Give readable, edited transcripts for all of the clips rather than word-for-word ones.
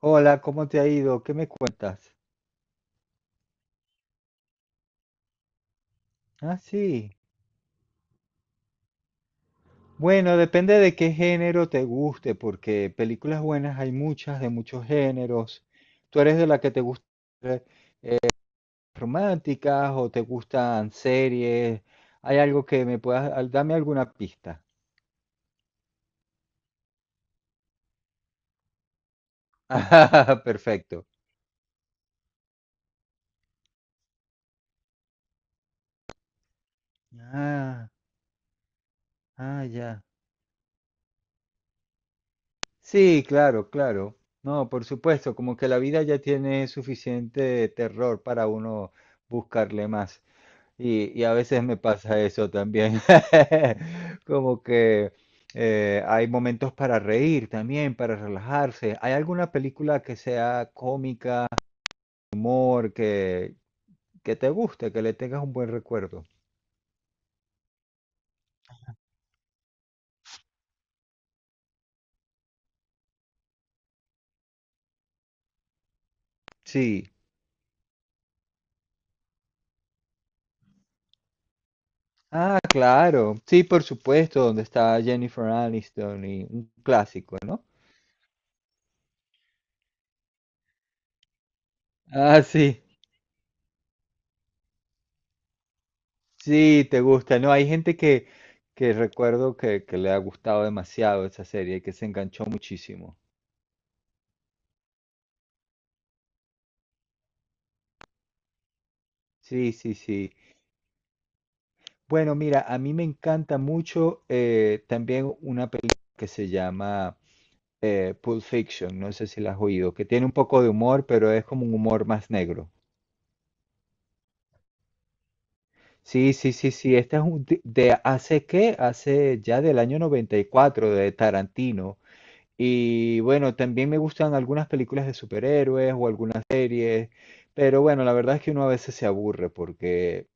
Hola, ¿cómo te ha ido? ¿Qué me cuentas? Ah, sí. Bueno, depende de qué género te guste, porque películas buenas hay muchas de muchos géneros. ¿Tú eres de la que te gustan románticas o te gustan series? ¿Hay algo que me puedas... Dame alguna pista. Ah, perfecto. Ah, ah, ya. Sí, claro, claro. No, por supuesto, como que la vida ya tiene suficiente terror para uno buscarle más. Y a veces me pasa eso también. Como que hay momentos para reír también, para relajarse. ¿Hay alguna película que sea cómica, humor, que te guste, que le tengas un buen recuerdo? Sí. Ah, claro. Sí, por supuesto, donde está Jennifer Aniston y un clásico, ¿no? Ah, sí, sí, te gusta, ¿no? Hay gente que recuerdo que le ha gustado demasiado esa serie, que se enganchó muchísimo. Sí, sí, sí. Bueno, mira, a mí me encanta mucho también una película que se llama Pulp Fiction, no sé si la has oído, que tiene un poco de humor, pero es como un humor más negro. Sí, sí, sí, sí, esta es de hace ya del año 94 de Tarantino. Y bueno, también me gustan algunas películas de superhéroes o algunas series, pero bueno, la verdad es que uno a veces se aburre porque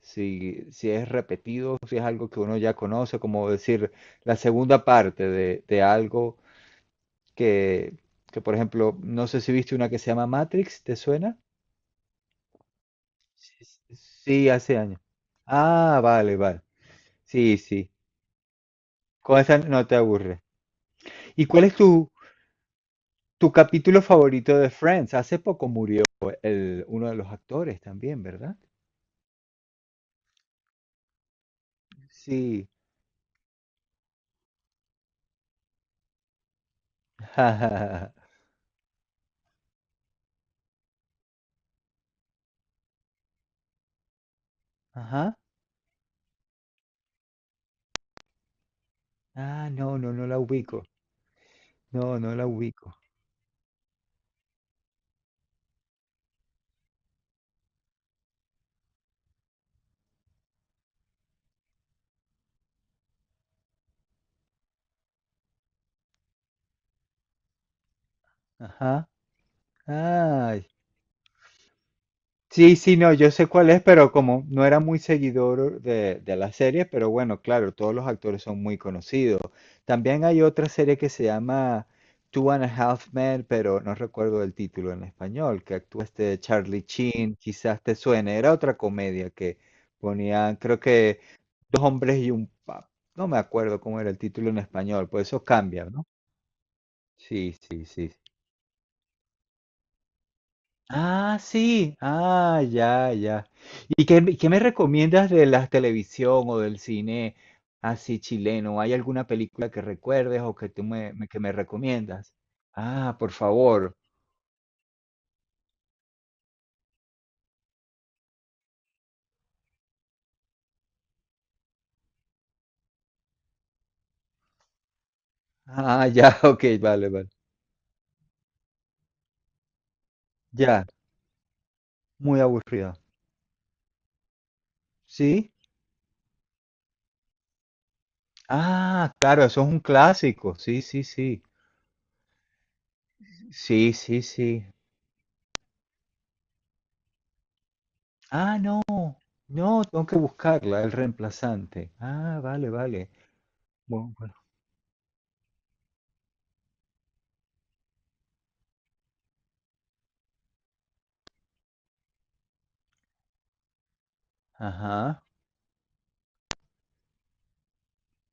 si es repetido, si es algo que uno ya conoce, como decir la segunda parte de algo que, que, por ejemplo, no sé si viste una que se llama Matrix, ¿te suena? Sí, sí. Sí, hace años. Ah, vale, vale. Sí, sí. Con esa no te aburre. ¿Y cuál es tu capítulo favorito de Friends? Hace poco murió el, uno de los actores también, ¿verdad? Sí. Ajá. Ah, no, no, no la ubico. No, no la ubico. Ajá. Ay, sí, sí, no, yo sé cuál es, pero como no era muy seguidor de la serie, pero bueno, claro, todos los actores son muy conocidos. También hay otra serie que se llama Two and a Half Men, pero no recuerdo el título en español, que actúa este Charlie Sheen, quizás te suene, era otra comedia que ponían, creo que dos hombres y un pap, no me acuerdo cómo era el título en español, pues eso cambia, ¿no? Sí, sí, sí. Ah, sí. Ah, ya, ya. ¿Y qué, qué me recomiendas de la televisión o del cine así chileno? ¿Hay alguna película que recuerdes o que tú que me recomiendas? Ah, por favor. Ah, ya, ok, vale, vale. Ya, muy aburrido. ¿Sí? Ah, claro, eso es un clásico. Sí, sí, sí. Sí, sí, sí. Ah, no, no, tengo que buscarla, el reemplazante. Ah, vale, vale. Bueno, bueno. Ajá.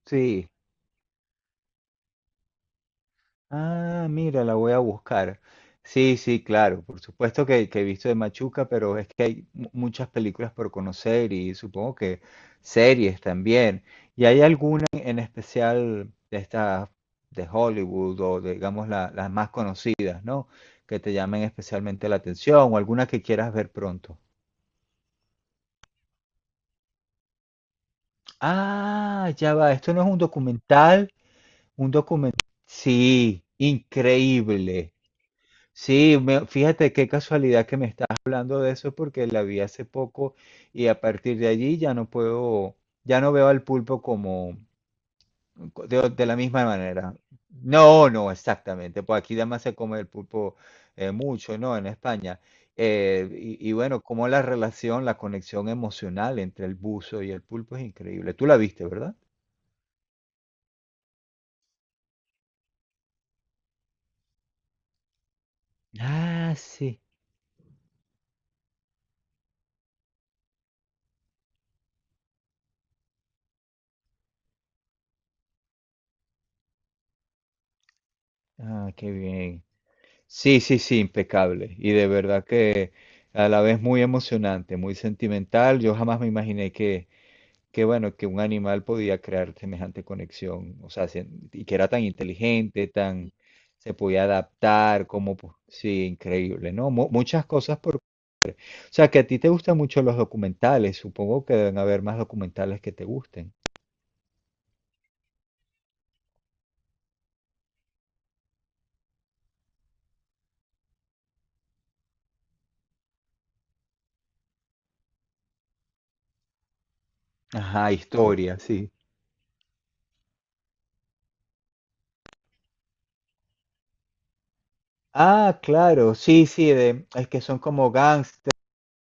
Sí. Ah, mira, la voy a buscar. Sí, sí, claro, por supuesto que he visto de Machuca, pero es que hay muchas películas por conocer y supongo que series también. ¿Y hay alguna en especial de estas de Hollywood o de, digamos las más conocidas, ¿no? Que te llamen especialmente la atención o alguna que quieras ver pronto. Ah, ya va, esto no es un documental, un documental. Sí, increíble. Sí, fíjate qué casualidad que me estás hablando de eso porque la vi hace poco y a partir de allí ya no puedo, ya no veo al pulpo como de, la misma manera. No, no, exactamente. Pues aquí además se come el pulpo mucho, ¿no? En España. Eh, y bueno, como la relación, la conexión emocional entre el buzo y el pulpo es increíble. Tú la viste, ¿verdad? Ah, sí. Ah, qué bien. Sí, sí, sí, impecable. Y de verdad que a la vez muy emocionante, muy sentimental. Yo jamás me imaginé que bueno, que un animal podía crear semejante conexión. O sea, y que era tan inteligente, tan, se podía adaptar, como, sí, increíble, ¿no? Muchas cosas por... O sea, que a ti te gustan mucho los documentales. Supongo que deben haber más documentales que te gusten. Ajá, historia, sí. Ah, claro, sí, sí, de, es que son como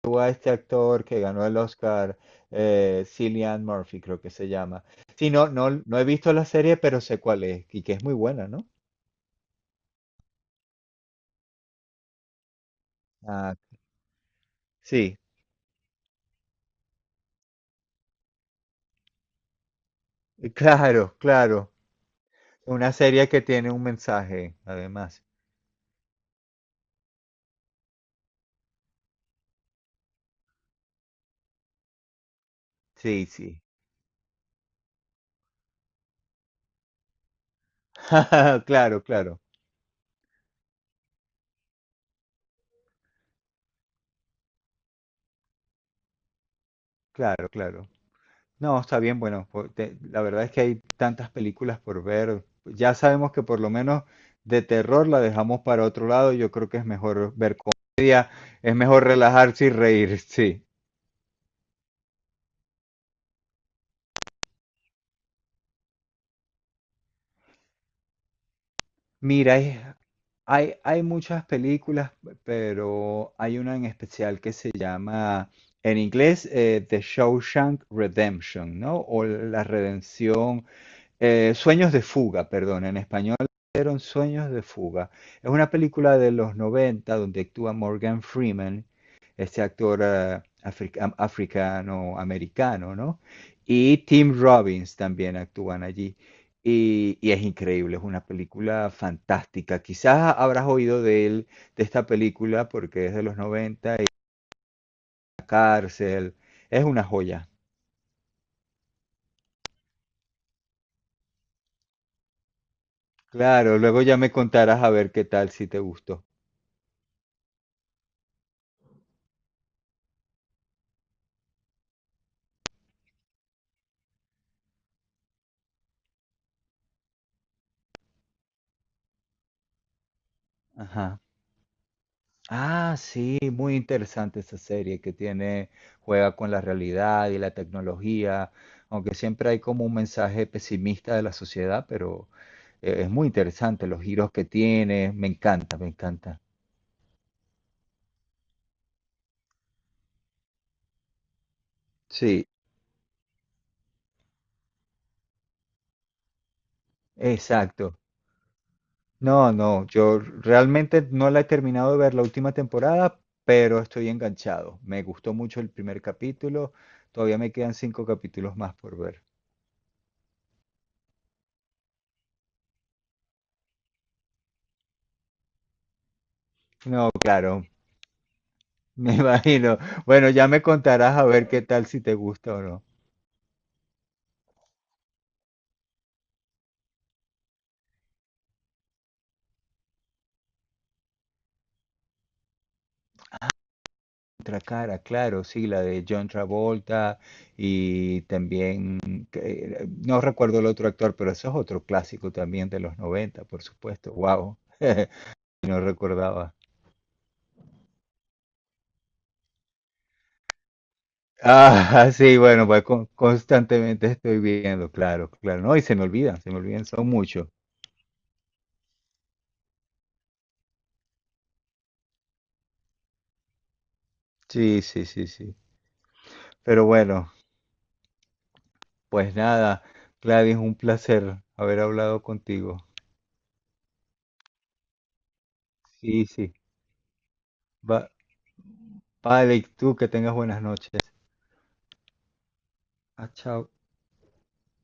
tuvo a este actor que ganó el Oscar, Cillian Murphy, creo que se llama. Sí, no, no, no he visto la serie, pero sé cuál es y que es muy buena, ¿no? Ah, sí, claro, claro. Una serie que tiene un mensaje, además. Sí, sí. Claro, claro, claro, claro. No, está bien, bueno, la verdad es que hay tantas películas por ver. Ya sabemos que por lo menos de terror la dejamos para otro lado. Yo creo que es mejor ver comedia, es mejor relajarse y reír, sí. Mira, hay muchas películas, pero hay una en especial que se llama, en inglés, The Shawshank Redemption, ¿no? O La Redención. Sueños de fuga, perdón, en español eran Sueños de fuga. Es una película de los 90 donde actúa Morgan Freeman, este actor africano-americano, ¿no? Y Tim Robbins también actúan allí. Y es increíble, es una película fantástica. Quizás habrás oído de él, de esta película, porque es de los 90 y la cárcel. Es una joya. Claro, luego ya me contarás a ver qué tal si te gustó. Ajá. Ah, sí, muy interesante esa serie que tiene, juega con la realidad y la tecnología, aunque siempre hay como un mensaje pesimista de la sociedad, pero es muy interesante los giros que tiene, me encanta, me encanta. Sí, exacto. No, no, yo realmente no la he terminado de ver la última temporada, pero estoy enganchado. Me gustó mucho el primer capítulo, todavía me quedan cinco capítulos más por ver. No, claro, me imagino. Bueno, ya me contarás a ver qué tal si te gusta o no. Otra cara, claro, sí, la de John Travolta y también, que- no recuerdo el otro actor, pero eso es otro clásico también de los 90 por supuesto. Wow, no recordaba. Ah, sí, bueno, pues constantemente estoy viendo, claro, claro. No, y se me olvidan, son muchos. Sí, sí, sí, sí. Pero bueno, pues nada, Gladys, un placer haber hablado contigo. Sí, sí. Va, Vale, y tú que tengas buenas noches. Ah, chao.